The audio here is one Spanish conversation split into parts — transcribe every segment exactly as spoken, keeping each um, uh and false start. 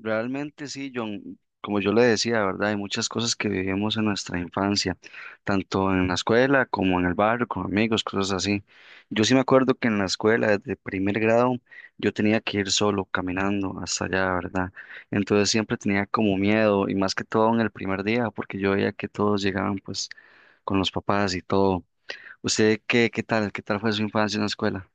Realmente sí, John, como yo le decía, ¿verdad? Hay muchas cosas que vivimos en nuestra infancia, tanto en la escuela como en el barrio, con amigos, cosas así. Yo sí me acuerdo que en la escuela, desde primer grado, yo tenía que ir solo caminando hasta allá, ¿verdad? Entonces siempre tenía como miedo, y más que todo en el primer día, porque yo veía que todos llegaban pues con los papás y todo. ¿Usted qué, qué tal? ¿Qué tal fue su infancia en la escuela?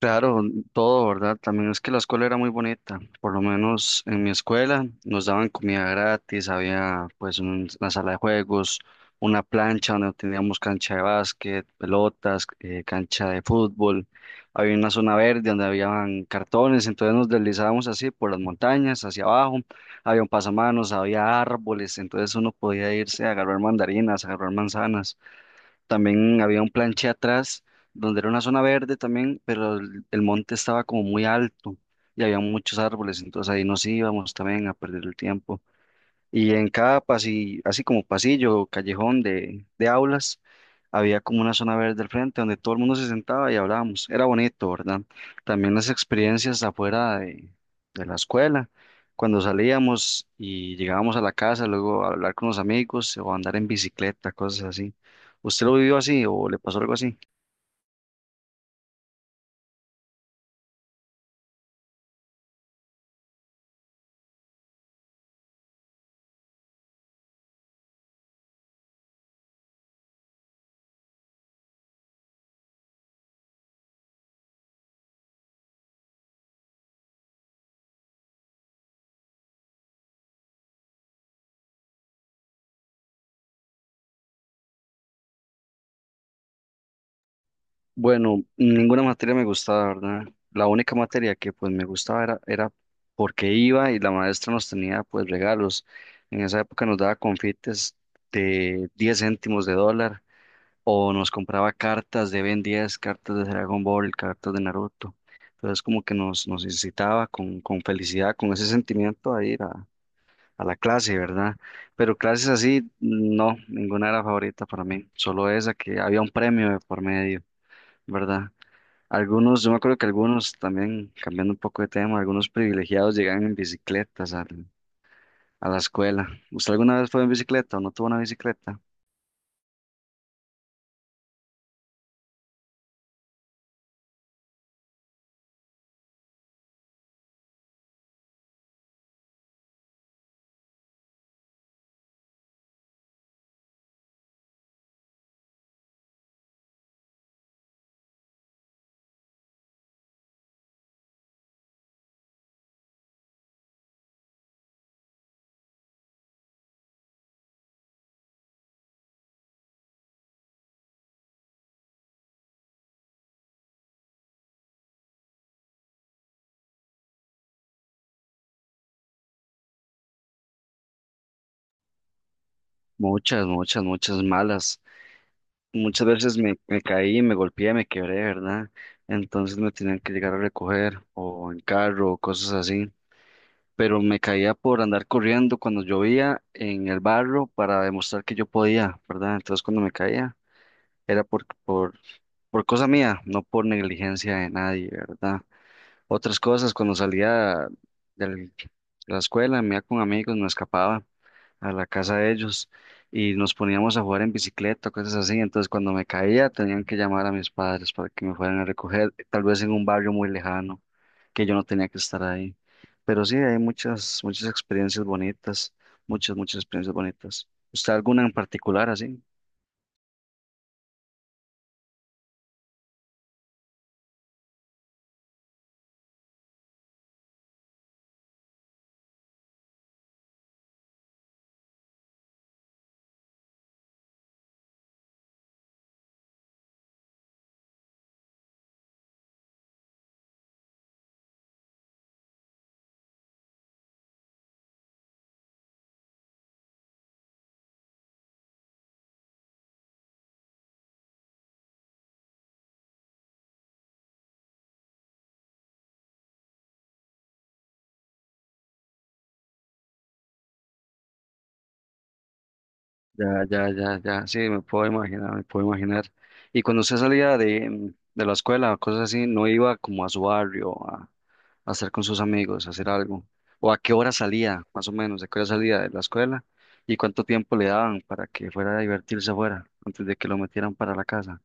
Claro, todo, ¿verdad? También es que la escuela era muy bonita, por lo menos en mi escuela nos daban comida gratis, había pues un- una sala de juegos, una plancha donde teníamos cancha de básquet, pelotas, eh, cancha de fútbol, había una zona verde donde habían cartones, entonces nos deslizábamos así por las montañas, hacia abajo, había un pasamanos, había árboles, entonces uno podía irse a agarrar mandarinas, a agarrar manzanas. También había un planche atrás donde era una zona verde también, pero el, el monte estaba como muy alto y había muchos árboles, entonces ahí nos íbamos también a perder el tiempo. Y en cada pasillo, así como pasillo callejón de, de aulas, había como una zona verde al frente donde todo el mundo se sentaba y hablábamos. Era bonito, ¿verdad? También las experiencias afuera de, de la escuela, cuando salíamos y llegábamos a la casa, luego a hablar con los amigos o andar en bicicleta, cosas así. ¿Usted lo vivió así o le pasó algo así? Bueno, ninguna materia me gustaba, ¿verdad? La única materia que pues me gustaba era, era porque iba y la maestra nos tenía pues regalos. En esa época nos daba confites de diez céntimos de dólar o nos compraba cartas de Ben diez, cartas de Dragon Ball, cartas de Naruto. Entonces como que nos, nos incitaba con, con felicidad, con ese sentimiento a ir a, a la clase, ¿verdad? Pero clases así, no, ninguna era favorita para mí, solo esa que había un premio de por medio, ¿verdad? Algunos, yo me acuerdo que algunos también, cambiando un poco de tema, algunos privilegiados llegaban en bicicletas al- a la escuela. ¿Usted alguna vez fue en bicicleta o no tuvo una bicicleta? Muchas, muchas, muchas malas. Muchas veces me, me caí, me golpeé, me quebré, ¿verdad? Entonces me tenían que llegar a recoger o en carro o cosas así. Pero me caía por andar corriendo cuando llovía en el barro para demostrar que yo podía, ¿verdad? Entonces cuando me caía era por, por, por cosa mía, no por negligencia de nadie, ¿verdad? Otras cosas, cuando salía del- de la escuela, me iba con amigos, me escapaba a la casa de ellos y nos poníamos a jugar en bicicleta, cosas así. Entonces, cuando me caía, tenían que llamar a mis padres para que me fueran a recoger, tal vez en un barrio muy lejano, que yo no tenía que estar ahí. Pero sí, hay muchas, muchas experiencias bonitas, muchas, muchas experiencias bonitas. ¿Usted alguna en particular así? Ya, ya, ya, ya, sí, me puedo imaginar, me puedo imaginar. Y cuando usted salía de, mm, de la escuela o cosas así, ¿no iba como a su barrio a, a estar con sus amigos, a hacer algo? ¿O a qué hora salía, más o menos? ¿De qué hora salía de la escuela? ¿Y cuánto tiempo le daban para que fuera a divertirse afuera antes de que lo metieran para la casa?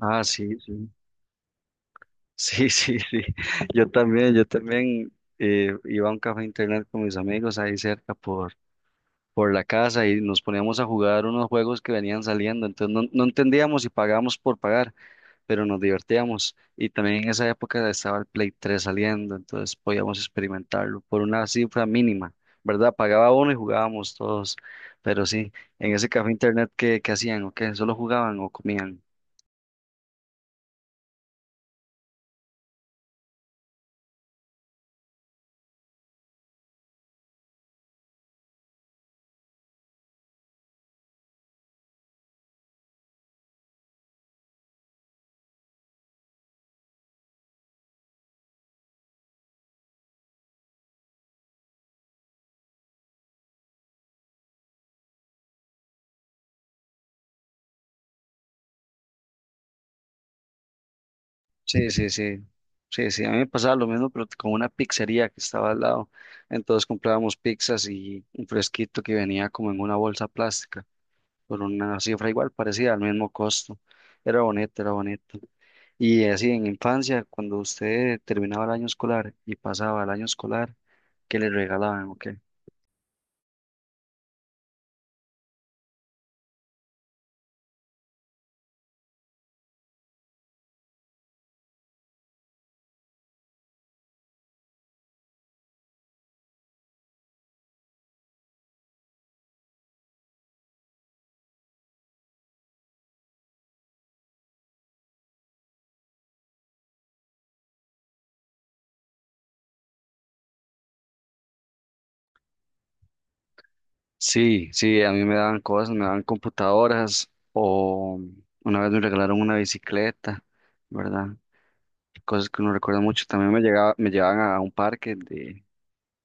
Ah, sí, sí. Sí, sí, sí. Yo también, yo también eh, iba a un café internet con mis amigos ahí cerca por por la casa y nos poníamos a jugar unos juegos que venían saliendo. Entonces no, no entendíamos si pagábamos por pagar, pero nos divertíamos. Y también en esa época estaba el Play tres saliendo, entonces podíamos experimentarlo por una cifra mínima, ¿verdad? Pagaba uno y jugábamos todos. Pero sí, en ese café internet, ¿qué, qué hacían? ¿O qué? ¿Solo jugaban o comían? Sí, sí, sí. Sí, sí, a mí me pasaba lo mismo, pero con una pizzería que estaba al lado. Entonces comprábamos pizzas y un fresquito que venía como en una bolsa plástica por una cifra igual, parecida al mismo costo. Era bonito, era bonito. Y así en infancia, cuando usted terminaba el año escolar y pasaba el año escolar, ¿qué le regalaban o qué? Sí, sí, a mí me daban cosas, me daban computadoras o una vez me regalaron una bicicleta, ¿verdad? Cosas que uno recuerda mucho. También me llegaba, me llevaban a un parque de,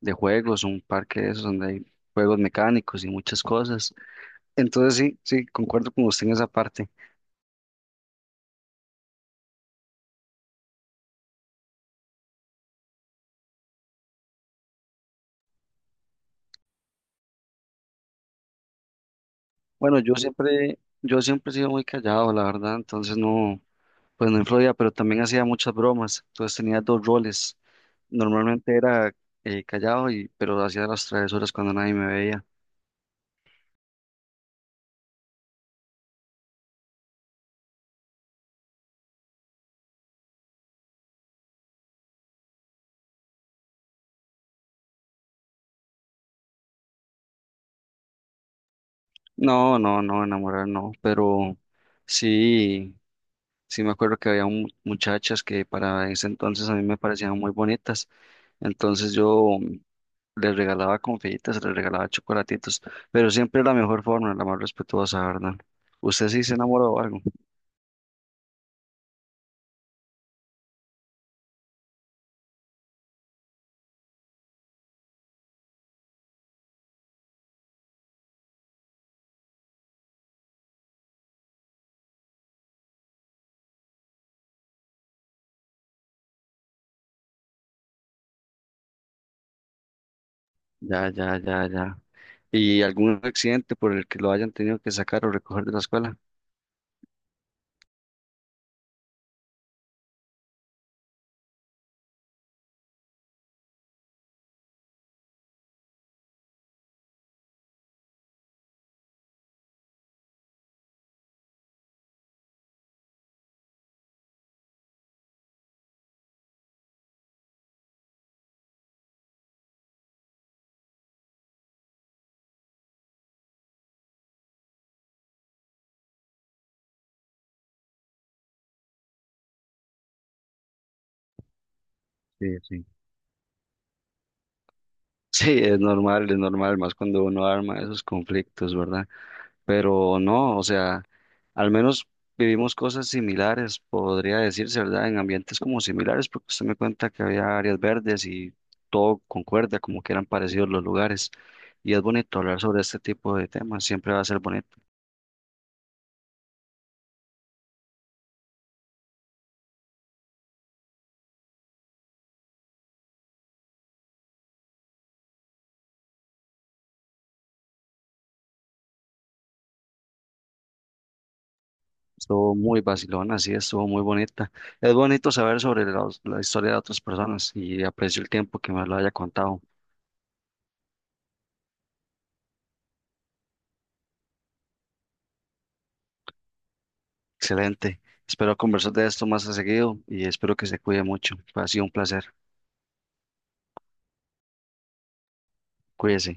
de juegos, un parque de esos donde hay juegos mecánicos y muchas cosas. Entonces sí, sí, concuerdo con usted en esa parte. Bueno, yo siempre, yo siempre he sido muy callado, la verdad, entonces no, pues no influía, pero también hacía muchas bromas, entonces tenía dos roles. Normalmente era eh, callado y, pero hacía las travesuras cuando nadie me veía. No, no, no, enamorar no, pero sí, sí me acuerdo que había mu- muchachas que para ese entonces a mí me parecían muy bonitas, entonces yo mm, les regalaba confititas, les regalaba chocolatitos, pero siempre la mejor forma, la más respetuosa, ¿verdad? ¿Usted sí se enamoró o algo? Ya, ya, ya, ya. ¿Y algún accidente por el que lo hayan tenido que sacar o recoger de la escuela? Sí, sí. Sí, es normal, es normal, más cuando uno arma esos conflictos, ¿verdad? Pero no, o sea, al menos vivimos cosas similares, podría decirse, ¿verdad? En ambientes como similares, porque usted me cuenta que había áreas verdes y todo concuerda, como que eran parecidos los lugares. Y es bonito hablar sobre este tipo de temas, siempre va a ser bonito. Estuvo muy vacilona, sí, estuvo muy bonita. Es bonito saber sobre los- la historia de otras personas y aprecio el tiempo que me lo haya contado. Excelente. Espero conversar de esto más a seguido y espero que se cuide mucho. Ha sido un placer. Cuídese.